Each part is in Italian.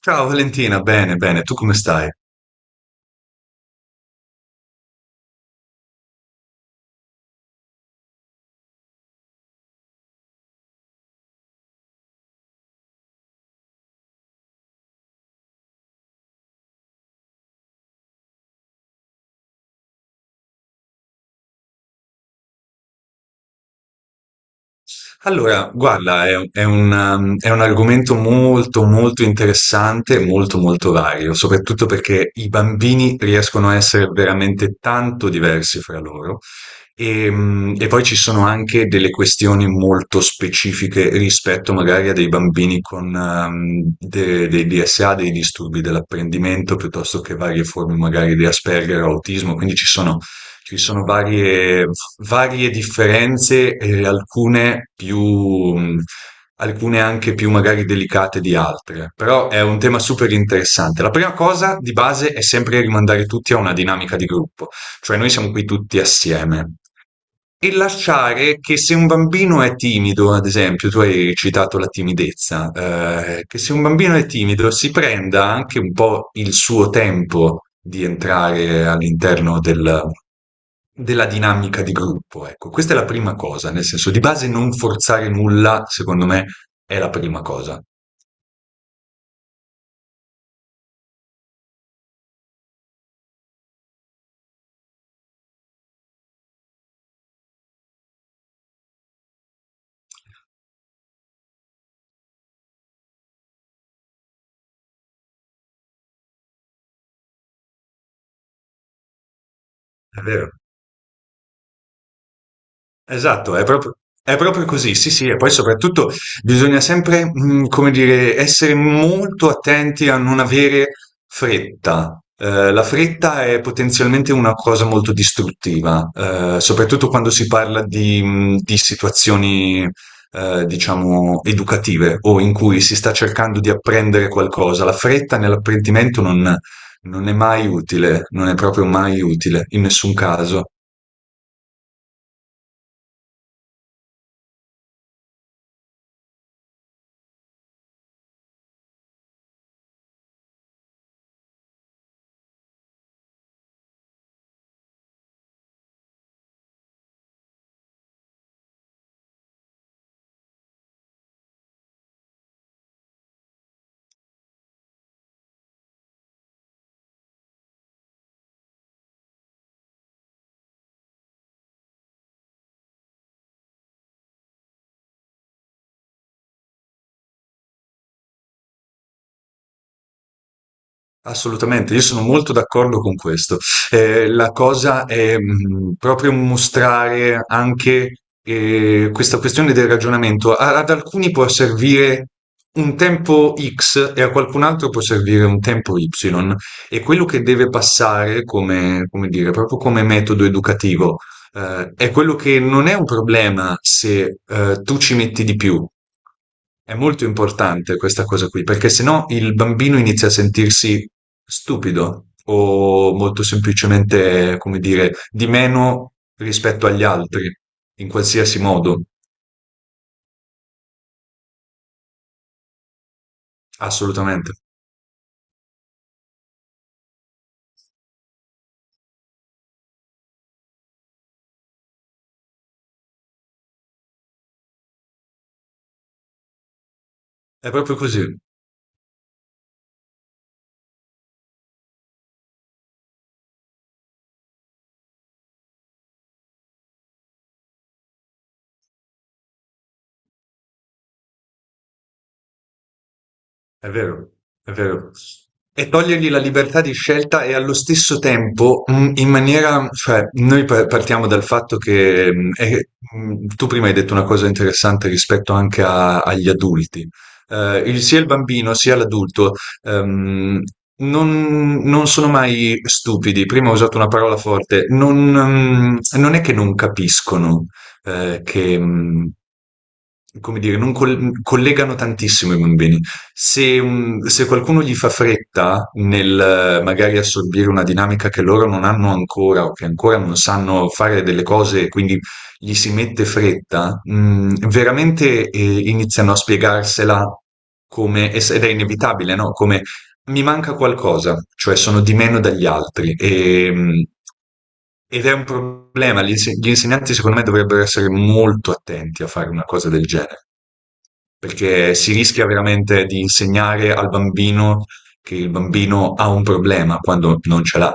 Ciao Valentina, bene, bene, tu come stai? Allora, guarda, è un argomento molto, molto interessante, e molto, molto vario, soprattutto perché i bambini riescono a essere veramente tanto diversi fra loro. E, poi ci sono anche delle questioni molto specifiche rispetto magari a dei bambini con dei DSA, dei disturbi dell'apprendimento, piuttosto che varie forme magari di Asperger o autismo, quindi ci sono varie, varie differenze, alcune più, mh, alcune anche più magari delicate di altre, però è un tema super interessante. La prima cosa di base è sempre rimandare tutti a una dinamica di gruppo, cioè noi siamo qui tutti assieme. E lasciare che se un bambino è timido, ad esempio, tu hai citato la timidezza, che se un bambino è timido si prenda anche un po' il suo tempo di entrare all'interno del della dinamica di gruppo, ecco. Questa è la prima cosa, nel senso di base non forzare nulla, secondo me, è la prima cosa. È vero. Esatto, è proprio così, sì, sì, e poi soprattutto bisogna sempre, come dire, essere molto attenti a non avere fretta. La fretta è potenzialmente una cosa molto distruttiva, soprattutto quando si parla di di situazioni, diciamo educative o in cui si sta cercando di apprendere qualcosa. La fretta nell'apprendimento non è mai utile, non è proprio mai utile, in nessun caso. Assolutamente, io sono molto d'accordo con questo. La cosa è proprio mostrare anche questa questione del ragionamento. Ad alcuni può servire un tempo X e a qualcun altro può servire un tempo Y. E quello che deve passare come, come dire, proprio come metodo educativo è quello che non è un problema se tu ci metti di più. È molto importante questa cosa qui, perché sennò il bambino inizia a sentirsi stupido o molto semplicemente, come dire, di meno rispetto agli altri, in qualsiasi modo. Assolutamente. È proprio così. È vero, è vero. E togliergli la libertà di scelta e allo stesso tempo, in maniera, cioè, noi partiamo dal fatto che, tu prima hai detto una cosa interessante rispetto anche agli adulti. Sia il bambino sia l'adulto, ehm, non sono mai stupidi. Prima ho usato una parola forte, non è che non capiscono, che, come dire, non collegano tantissimo i bambini. Se, se qualcuno gli fa fretta nel magari assorbire una dinamica che loro non hanno ancora o che ancora non sanno fare delle cose, quindi gli si mette fretta, veramente iniziano a spiegarsela come, ed è inevitabile, no? Come mi manca qualcosa, cioè sono di meno dagli altri e, ed è un problema. Gli insegnanti secondo me dovrebbero essere molto attenti a fare una cosa del genere, perché si rischia veramente di insegnare al bambino che il bambino ha un problema quando non ce l'ha.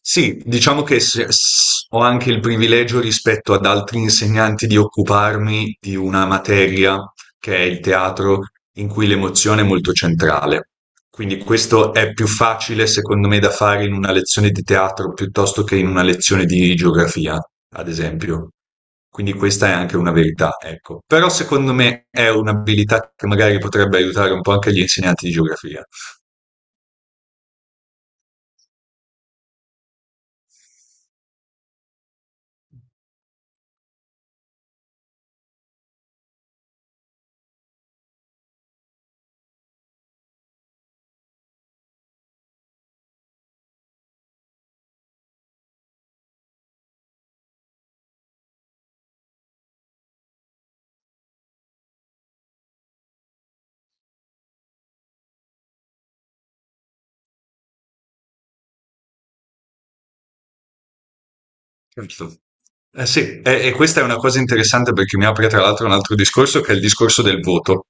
Sì, diciamo che ho anche il privilegio rispetto ad altri insegnanti di occuparmi di una materia che è il teatro, in cui l'emozione è molto centrale. Quindi questo è più facile, secondo me, da fare in una lezione di teatro piuttosto che in una lezione di geografia, ad esempio. Quindi questa è anche una verità, ecco. Però secondo me è un'abilità che magari potrebbe aiutare un po' anche gli insegnanti di geografia. Certo. Eh sì, e questa è una cosa interessante perché mi apre tra l'altro un altro discorso che è il discorso del voto.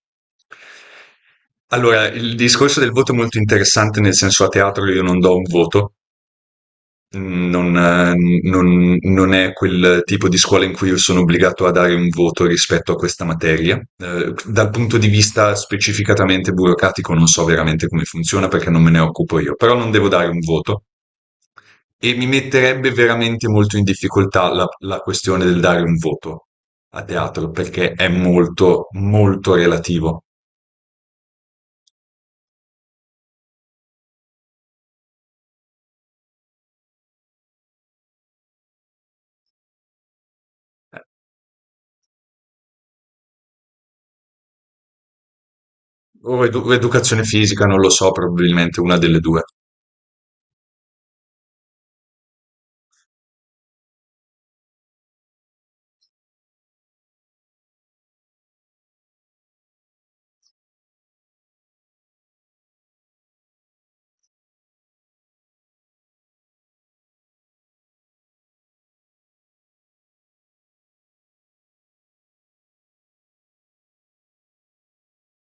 Allora, il discorso del voto è molto interessante, nel senso a teatro io non do un voto, mm, non è quel tipo di scuola in cui io sono obbligato a dare un voto rispetto a questa materia. Dal punto di vista specificatamente burocratico non so veramente come funziona perché non me ne occupo io, però non devo dare un voto. E mi metterebbe veramente molto in difficoltà la questione del dare un voto a teatro, perché è molto, molto relativo. Eh, O educazione fisica, non lo so, probabilmente una delle due.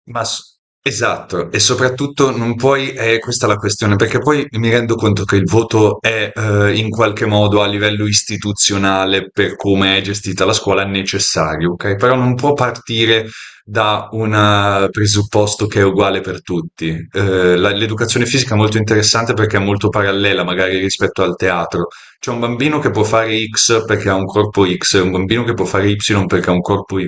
Ma s Esatto, e soprattutto non puoi questa è la questione, perché poi mi rendo conto che il voto è, in qualche modo a livello istituzionale, per come è gestita la scuola, necessario, okay, però non può partire da un presupposto che è uguale per tutti. La l'educazione fisica è molto interessante perché è molto parallela, magari rispetto al teatro. C'è un bambino che può fare X perché ha un corpo X, e un bambino che può fare Y perché ha un corpo Y.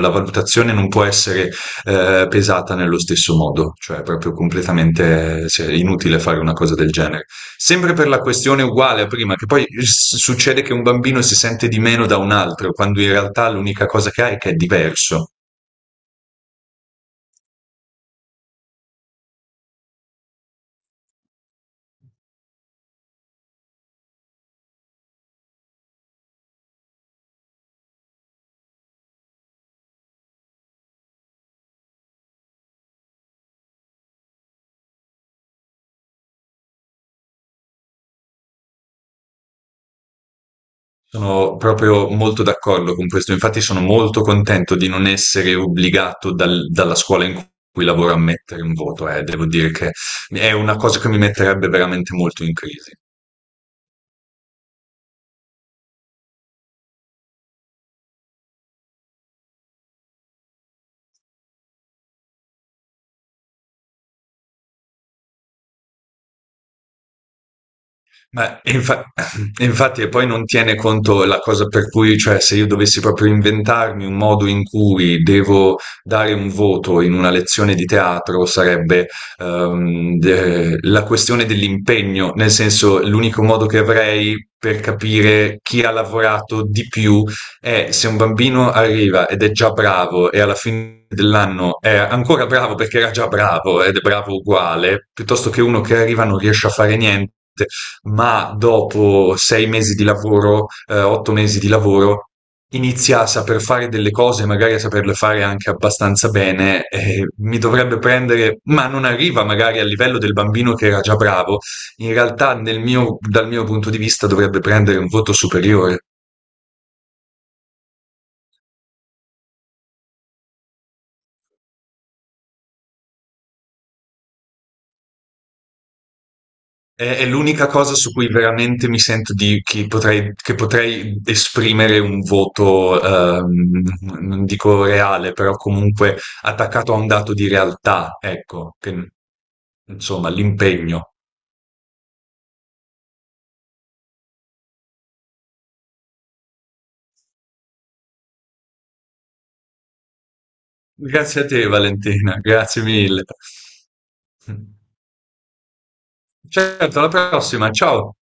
La valutazione non può essere pesata nello stesso modo, cioè proprio completamente cioè, inutile fare una cosa del genere. Sempre per la questione uguale a prima, che poi succede che un bambino si sente di meno da un altro, quando in realtà l'unica cosa che ha è che è diverso. Sono proprio molto d'accordo con questo, infatti sono molto contento di non essere obbligato dalla scuola in cui lavoro a mettere un voto, eh. Devo dire che è una cosa che mi metterebbe veramente molto in crisi. Ma infa- infatti, e poi non tiene conto la cosa per cui, cioè, se io dovessi proprio inventarmi un modo in cui devo dare un voto in una lezione di teatro, sarebbe la questione dell'impegno, nel senso, l'unico modo che avrei per capire chi ha lavorato di più è se un bambino arriva ed è già bravo e alla fine dell'anno è ancora bravo perché era già bravo ed è bravo uguale, piuttosto che uno che arriva e non riesce a fare niente ma dopo 6 mesi di lavoro, 8 mesi di lavoro, inizia a saper fare delle cose, magari a saperle fare anche abbastanza bene, mi dovrebbe prendere, ma non arriva magari al livello del bambino che era già bravo. In realtà, dal mio punto di vista, dovrebbe prendere un voto superiore. È l'unica cosa su cui veramente mi sento di, che potrei esprimere un voto, ehm, non dico reale, però comunque attaccato a un dato di realtà, ecco, insomma, l'impegno. Grazie a te, Valentina, grazie mille. Certo, alla prossima, ciao.